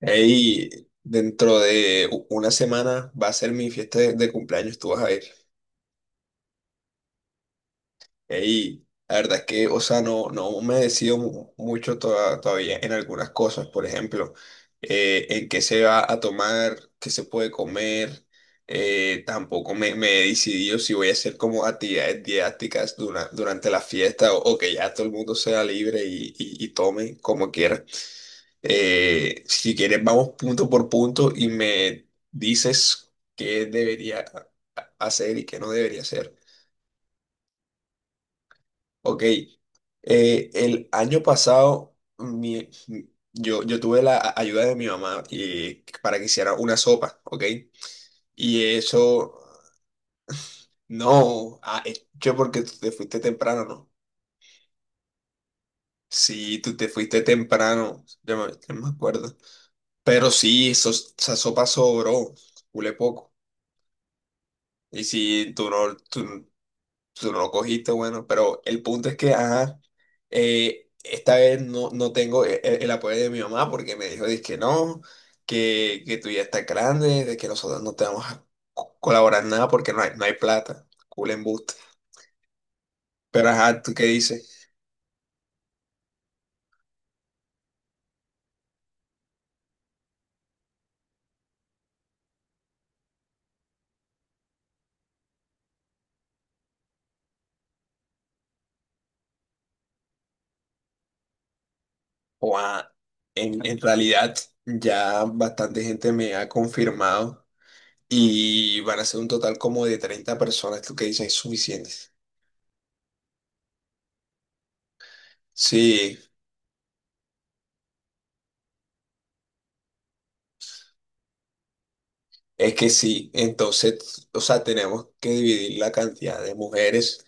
Ey, dentro de una semana va a ser mi fiesta de cumpleaños, tú vas a ir. Ey, la verdad es que, o sea, no me decido mucho todavía en algunas cosas, por ejemplo, en qué se va a tomar, qué se puede comer. Tampoco me he decidido si voy a hacer como actividades didácticas durante la fiesta o que ya todo el mundo sea libre y tome como quiera. Si quieres, vamos punto por punto y me dices qué debería hacer y qué no debería hacer. Ok, el año pasado yo tuve la ayuda de mi mamá, para que hiciera una sopa, ok, y eso no ha hecho porque tú te fuiste temprano, ¿no? Sí, tú te fuiste temprano, yo me acuerdo, pero sí, esa sopa sobró, culé poco. Y si tú no lo cogiste, bueno, pero el punto es que, ajá, esta vez no tengo el apoyo de mi mamá porque me dijo que no, que tú ya estás grande, de que nosotros no te vamos a colaborar en nada porque no hay plata, cool embuste. Pero ajá, ¿tú qué dices? O, ah, en realidad ya bastante gente me ha confirmado y van a ser un total como de 30 personas, ¿tú qué dices? ¿Es suficiente? Sí. Es que sí, entonces, o sea, tenemos que dividir la cantidad de mujeres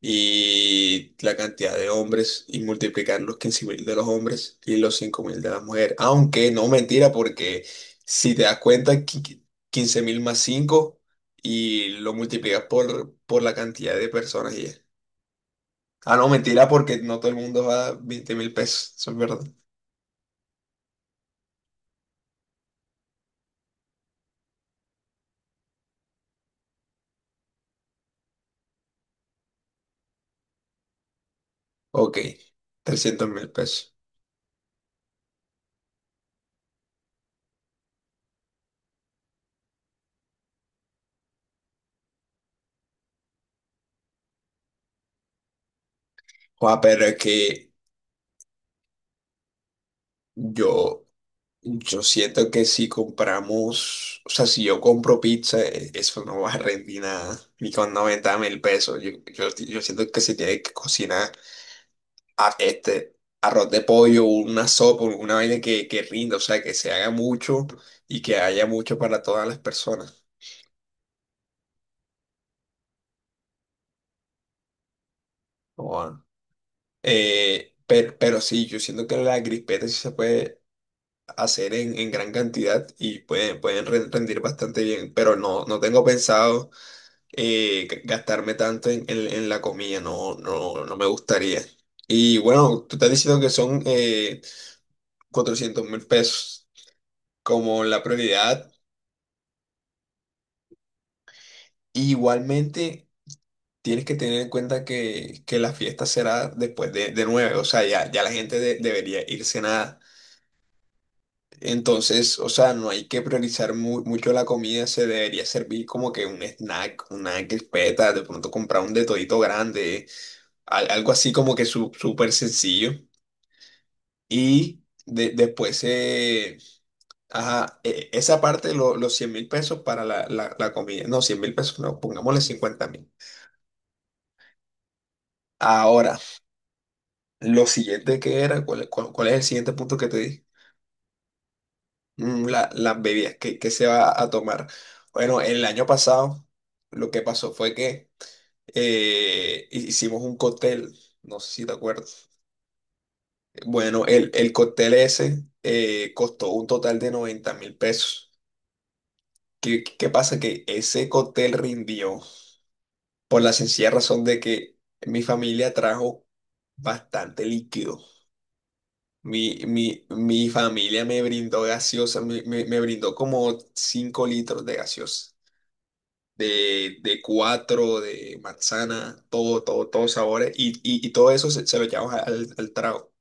y la cantidad de hombres y multiplicar los 15.000 de los hombres y los 5.000 de las mujeres. Aunque no, mentira, porque si te das cuenta, 15.000 más 5 y lo multiplicas por la cantidad de personas y ya. Ah, no, mentira, porque no todo el mundo va a 20 mil pesos, eso es verdad. Ok, 300.000 pesos. Joder, pero es que yo, Yo siento que si compramos, o sea, si yo compro pizza, eso no va a rendir nada, ni con 90.000 pesos. Yo siento que se tiene que cocinar este arroz de pollo, una sopa, una vaina que rinda, o sea, que se haga mucho y que haya mucho para todas las personas. Joda. Pero sí, yo siento que la crispeta sí se puede hacer en gran cantidad y pueden rendir bastante bien, pero no tengo pensado gastarme tanto en la comida, no me gustaría. Y bueno, tú estás diciendo que son, 400 mil pesos como la prioridad. Igualmente, tienes que tener en cuenta que la fiesta será después de nueve, o sea, ya la gente debería ir cenada. Entonces, o sea, no hay que priorizar mucho la comida, se debería servir como que un snack, una crispeta, de pronto comprar un de todito grande, algo así como que súper sencillo. Y después, ajá, esa parte, los 100.000 pesos para la comida. No, 100.000 pesos no, pongámosle 50.000. Ahora, lo siguiente que era, ¿cuál es el siguiente punto que te di? Las bebidas, ¿qué se va a tomar? Bueno, el año pasado lo que pasó fue que, hicimos un cóctel, no sé si te acuerdas. Bueno, el cóctel ese, costó un total de 90.000 pesos. ¿Qué pasa? Que ese cóctel rindió por la sencilla razón de que mi familia trajo bastante líquido. Mi familia me brindó gaseosa, me brindó como 5 litros de gaseosa, de cuatro, de manzana, todos sabores, y todo eso se lo llevamos al trago.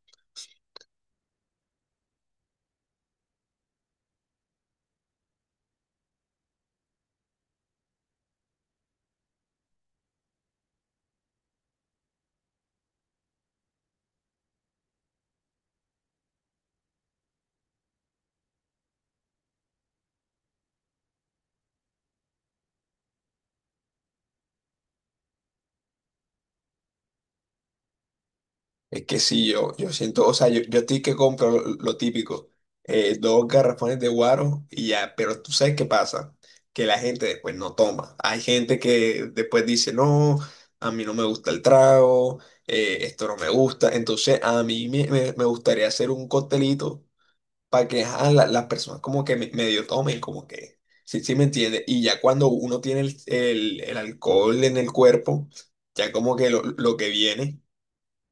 Es que sí, yo siento, o sea, yo a ti que compro lo típico, dos garrafones de guaro y ya, pero tú sabes qué pasa, que la gente después no toma. Hay gente que después dice, no, a mí no me gusta el trago, esto no me gusta, entonces a mí me gustaría hacer un costelito para que, ajá, las personas como que medio tomen, como que, sí me entiende. Y ya cuando uno tiene el alcohol en el cuerpo, ya como que lo que viene.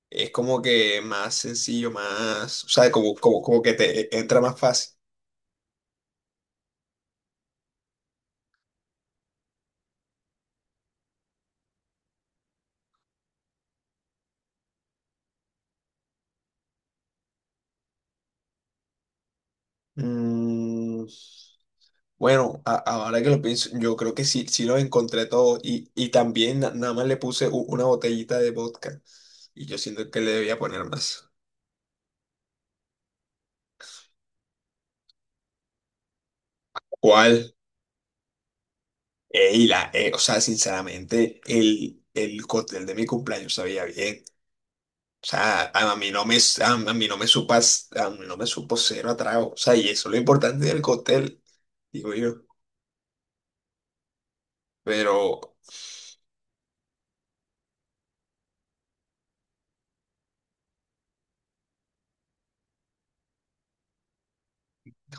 Es como que más sencillo, más, o sea, como que te entra más fácil. Mm, bueno, ahora que lo pienso, yo creo que sí lo encontré todo y también nada más le puse una botellita de vodka y yo siento que le debía poner más. ¿Cuál? Ey, o sea, sinceramente, el cóctel de mi cumpleaños sabía bien. O sea, a mí no me, a mí no me supas, a mí no me supo cero a trago, o sea, y eso es lo importante del cóctel, digo yo. Pero,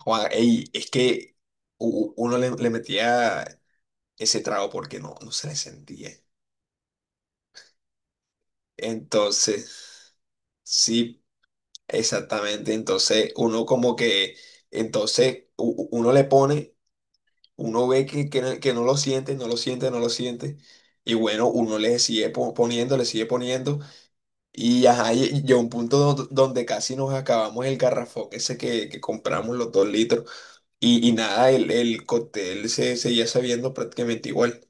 Juan, ey, es que uno le metía ese trago porque no se le sentía. Entonces, sí, exactamente. Entonces, uno como que, entonces, uno le pone, uno ve que, no que no lo siente, no lo siente, no lo siente. Y bueno, uno le sigue poniendo, le sigue poniendo. Y, ajá, y llegó un punto donde casi nos acabamos el garrafón ese que compramos, los 2 litros. Y nada, el cóctel se seguía sabiendo prácticamente igual.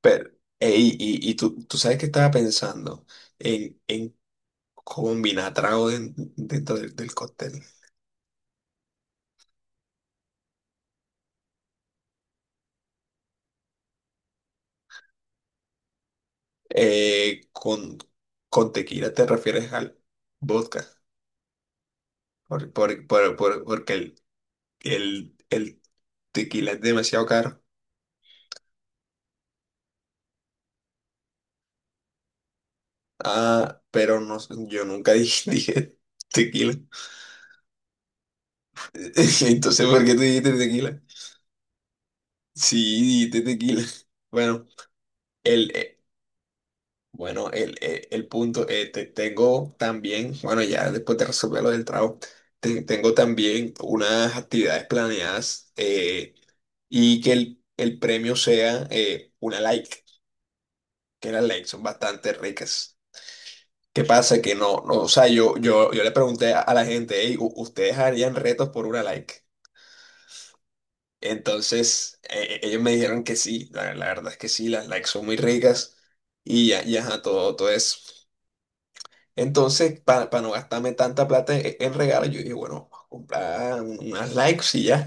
Pero, ey, y tú sabes que estaba pensando en combinar trago dentro del cóctel. Eh, con, con tequila te refieres al vodka, porque el tequila es demasiado caro. Ah, pero no sé, yo nunca dije, dije tequila. Entonces, ¿por qué tú dijiste tequila? Sí, dijiste tequila. Bueno. El, Bueno, el punto, tengo también, bueno, ya después de resolver lo del trabajo, tengo también unas actividades planeadas, y que el premio sea, una like, que las likes son bastante ricas. ¿Qué pasa? Que no, o sea, yo le pregunté a la gente, hey, ¿ustedes harían retos por una like? Entonces, ellos me dijeron que sí, la verdad es que sí, las likes son muy ricas y ya, ya, ajá, todo eso. Entonces, para no gastarme tanta plata en regalos, yo dije, bueno, vamos a comprar unas likes y ya.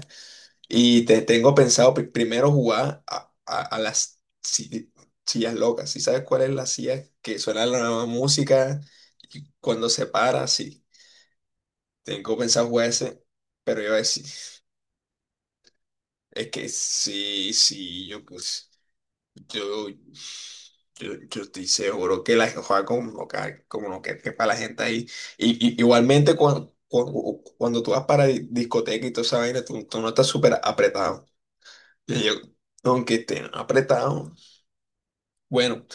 Y tengo pensado primero jugar a las sillas locas. ¿Sí sabes cuál es la silla que suena la nueva música y cuando se para? Sí, tengo pensado jugar ese, pero yo voy a decir, es que sí, sí, yo pues. Yo estoy seguro que la juega como que, como no, que para la gente ahí. Y igualmente, cuando tú vas para discoteca y toda esa vaina, tú no estás súper apretado. Y yo, aunque esté apretado. Bueno,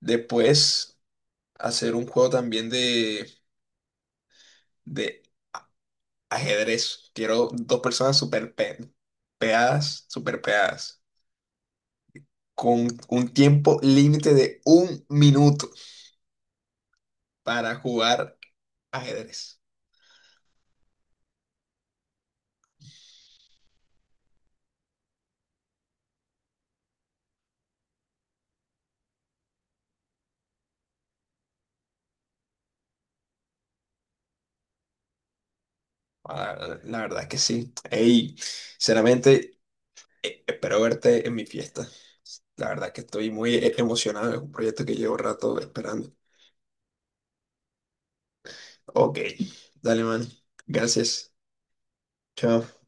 después hacer un juego también de ajedrez. Quiero dos personas súper pegadas, súper pegadas, con un tiempo límite de 1 minuto para jugar ajedrez. Ah, la verdad es que sí. Ey, sinceramente, espero verte en mi fiesta. La verdad es que estoy muy, emocionado. Es un proyecto que llevo rato esperando. Ok, dale, man. Gracias. Chao.